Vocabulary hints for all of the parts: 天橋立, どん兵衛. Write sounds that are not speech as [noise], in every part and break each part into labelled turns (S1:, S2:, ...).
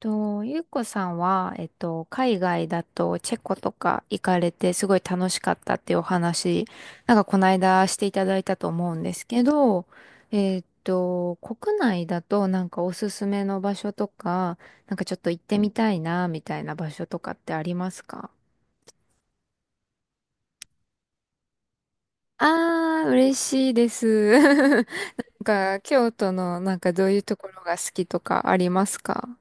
S1: と、ゆうこさんは、海外だとチェコとか行かれてすごい楽しかったっていうお話、なんかこの間していただいたと思うんですけど、国内だとなんかおすすめの場所とか、なんかちょっと行ってみたいな、みたいな場所とかってありますか？あー、嬉しいです。[laughs] なんか、京都のなんかどういうところが好きとかありますか？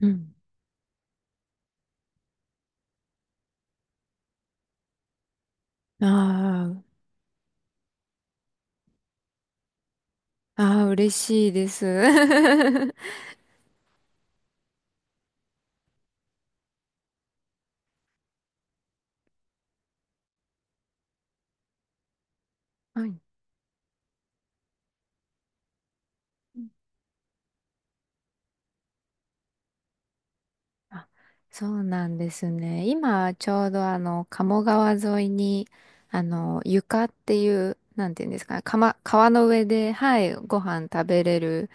S1: うん。あー、あー、嬉しいです。[laughs] はい。あ、そうなんですね。今、ちょうど鴨川沿いに、床っていう、なんていうんですかね、かま川の上で、はい、ご飯食べれる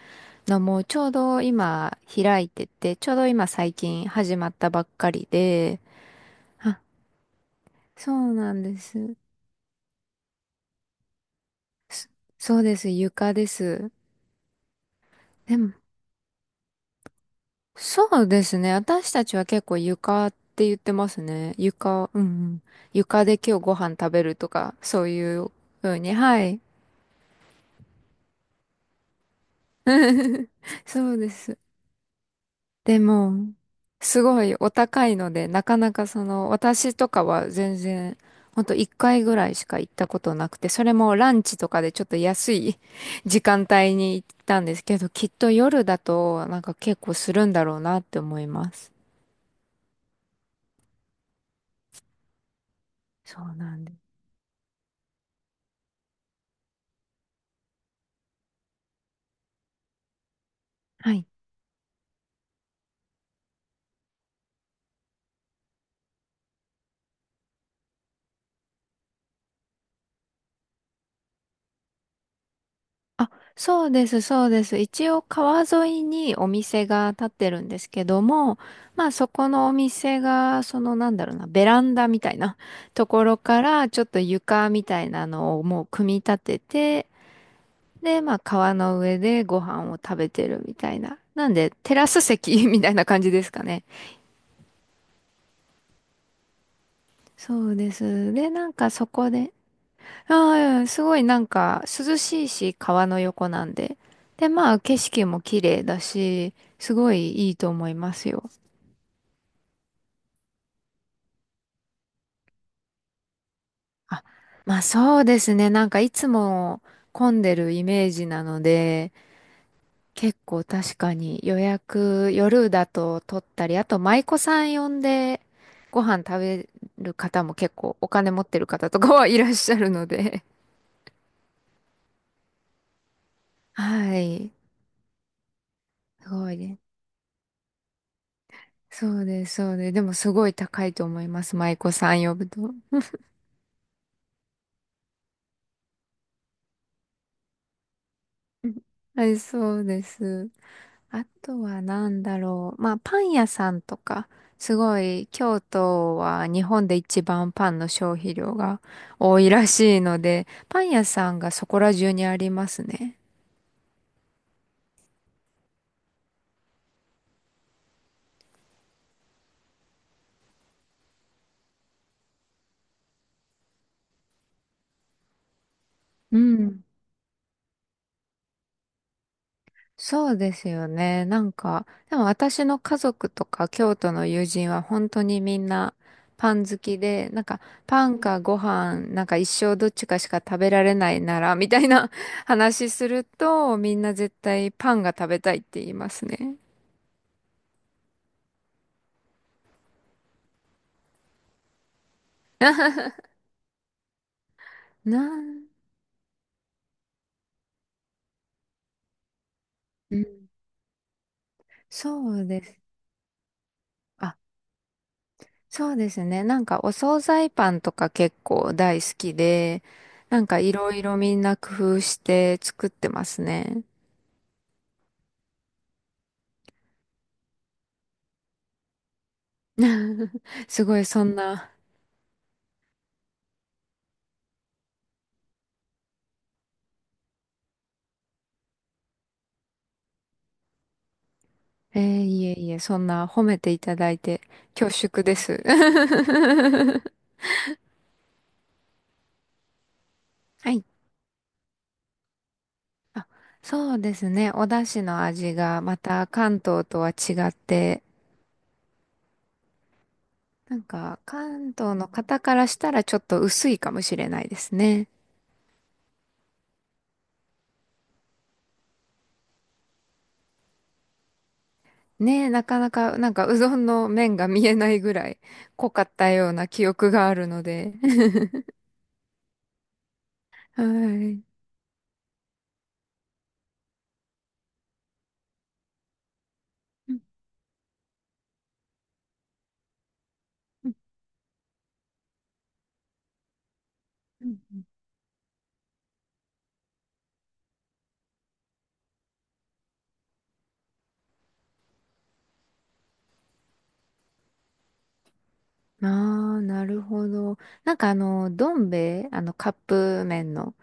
S1: のも、ちょうど今、開いてて、ちょうど今、最近始まったばっかりで、あ、そうなんです。そそうです、床です。でも、そうですね。私たちは結構床って言ってますね。床、うんうん。床で今日ご飯食べるとか、そういうふうに。はい。[laughs] そうです。でも、すごいお高いので、なかなかその、私とかは全然、ほんと1回ぐらいしか行ったことなくて、それもランチとかでちょっと安い [laughs] 時間帯に行ったんですけど、きっと夜だとなんか結構するんだろうなって思います。そうなんです。はい。あ、そうです、そうです。一応川沿いにお店が建ってるんですけども、まあそこのお店が、そのなんだろうな、ベランダみたいなところからちょっと床みたいなのをもう組み立てて、で、まあ川の上でご飯を食べてるみたいな。なんでテラス席 [laughs] みたいな感じですかね。そうです。で、なんかそこで、ああ、すごいなんか涼しいし、川の横なんで。で、まあ景色も綺麗だし、すごいいいと思いますよ。あ、まあそうですね。なんかいつも混んでるイメージなので、結構確かに予約夜だと取ったり、あと舞妓さん呼んでご飯食べる方も結構お金持ってる方とかはいらっしゃるので。[laughs] はい。すごいね。そうです、そうです。でもすごい高いと思います。舞妓さん呼ぶと。[laughs] はい、そうです。あとは何だろう。まあ、パン屋さんとか、すごい、京都は日本で一番パンの消費量が多いらしいので、パン屋さんがそこら中にありますね。うん。そうですよね。なんか、でも私の家族とか京都の友人は本当にみんなパン好きで、なんかパンかご飯、なんか一生どっちかしか食べられないなら、みたいな [laughs] 話すると、みんな絶対パンが食べたいって言いますね。なん、うん、そうです。あ、そうですね。なんかお惣菜パンとか結構大好きで、なんかいろいろみんな工夫して作ってますね。[laughs] すごいそんな、いえいえ、そんな褒めていただいて恐縮です。[laughs] はい。そうですね。お出汁の味がまた関東とは違って、なんか関東の方からしたらちょっと薄いかもしれないですね。ねえ、なかなかなんかうどんの麺が見えないぐらい濃かったような記憶があるので。[laughs] はい。うんうんうんうん。ああ、なるほど。なんかどん兵衛、カップ麺の。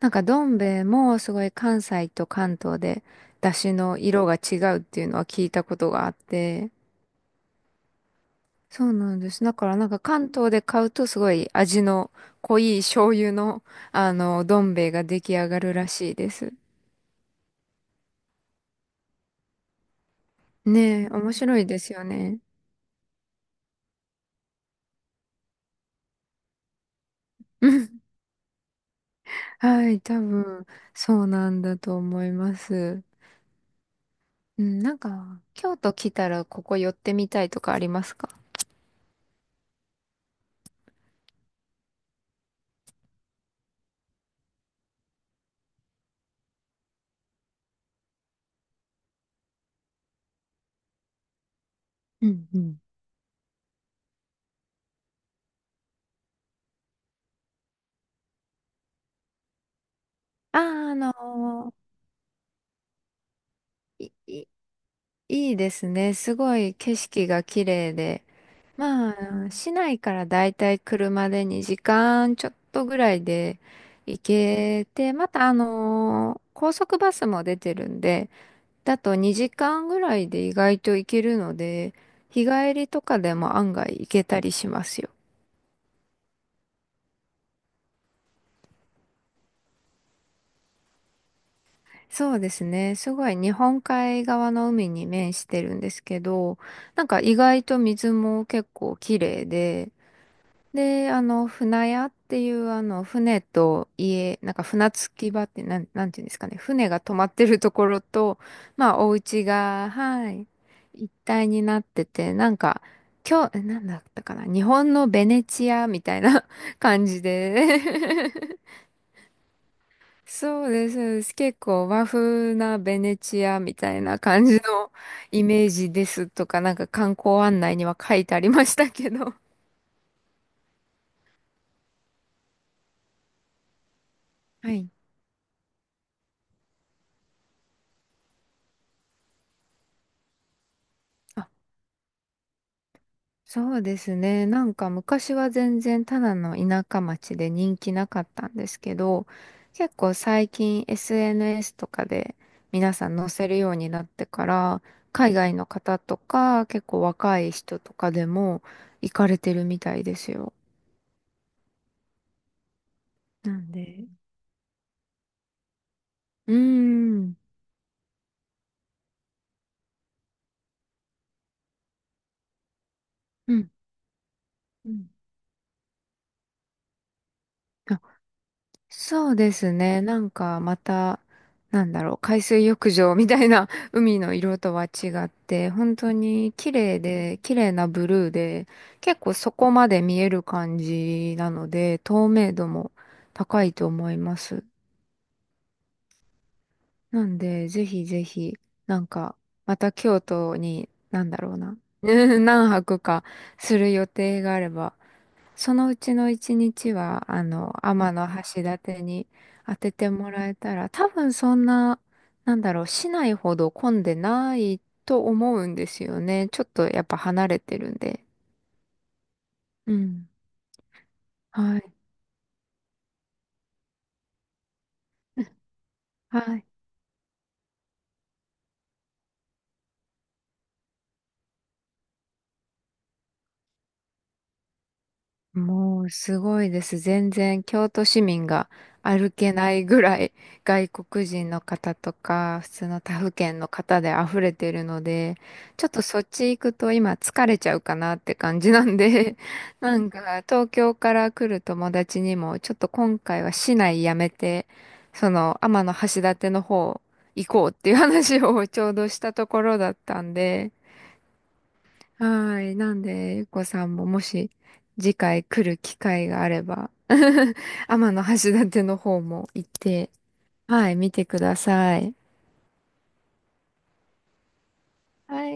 S1: なんかどん兵衛もすごい関西と関東で出汁の色が違うっていうのは聞いたことがあって、そうなんです。だからなんか関東で買うとすごい味の濃い醤油の、どん兵衛が出来上がるらしいです。ねえ、面白いですよね。[laughs] はい、多分そうなんだと思います。うん、なんか京都来たらここ寄ってみたいとかありますか？うんうん。ああ、いいいですね。すごい景色が綺麗で。まあ、市内からだいたい車で2時間ちょっとぐらいで行けて、また高速バスも出てるんで、だと2時間ぐらいで意外と行けるので、日帰りとかでも案外行けたりしますよ。そうですね。すごい日本海側の海に面してるんですけど、なんか意外と水も結構綺麗で、で、船屋っていう、船と家、なんか船着き場って、なん、なんていうんですかね、船が止まってるところと、まあ、お家が、はい、一体になってて、なんか、今日、え、なんだったかな、日本のベネチアみたいな [laughs] 感じで、 [laughs] そうです、そうです。結構和風なベネチアみたいな感じのイメージですとか、なんか観光案内には書いてありましたけど。[laughs] はい。そうですね。なんか昔は全然ただの田舎町で人気なかったんですけど、結構最近 SNS とかで皆さん載せるようになってから、海外の方とか結構若い人とかでも行かれてるみたいですよ。なんで、うーん。うん。うん、そうですね。なんかまた、なんだろう、海水浴場みたいな [laughs] 海の色とは違って、本当に綺麗で、綺麗なブルーで、結構そこまで見える感じなので、透明度も高いと思います。なんで、ぜひぜひ、なんか、また京都に、なんだろうな、[laughs] 何泊かする予定があれば、そのうちの一日は、うの天橋立に当ててもらえたら、多分そんな、なんだろう、市内ほど混んでないと思うんですよね。ちょっとやっぱ離れてるんで。うん、はい。はい。もうすごいです。全然京都市民が歩けないぐらい [laughs] 外国人の方とか普通の他府県の方で溢れてるので、ちょっとそっち行くと今疲れちゃうかなって感じなんで、[laughs] なんか東京から来る友達にもちょっと今回は市内やめて、その天橋立の方行こうっていう話をちょうどしたところだったんで、はい。なんで、ゆっこさんももし次回来る機会があれば、[laughs] 天橋立の方も行って、はい、見てください。はい。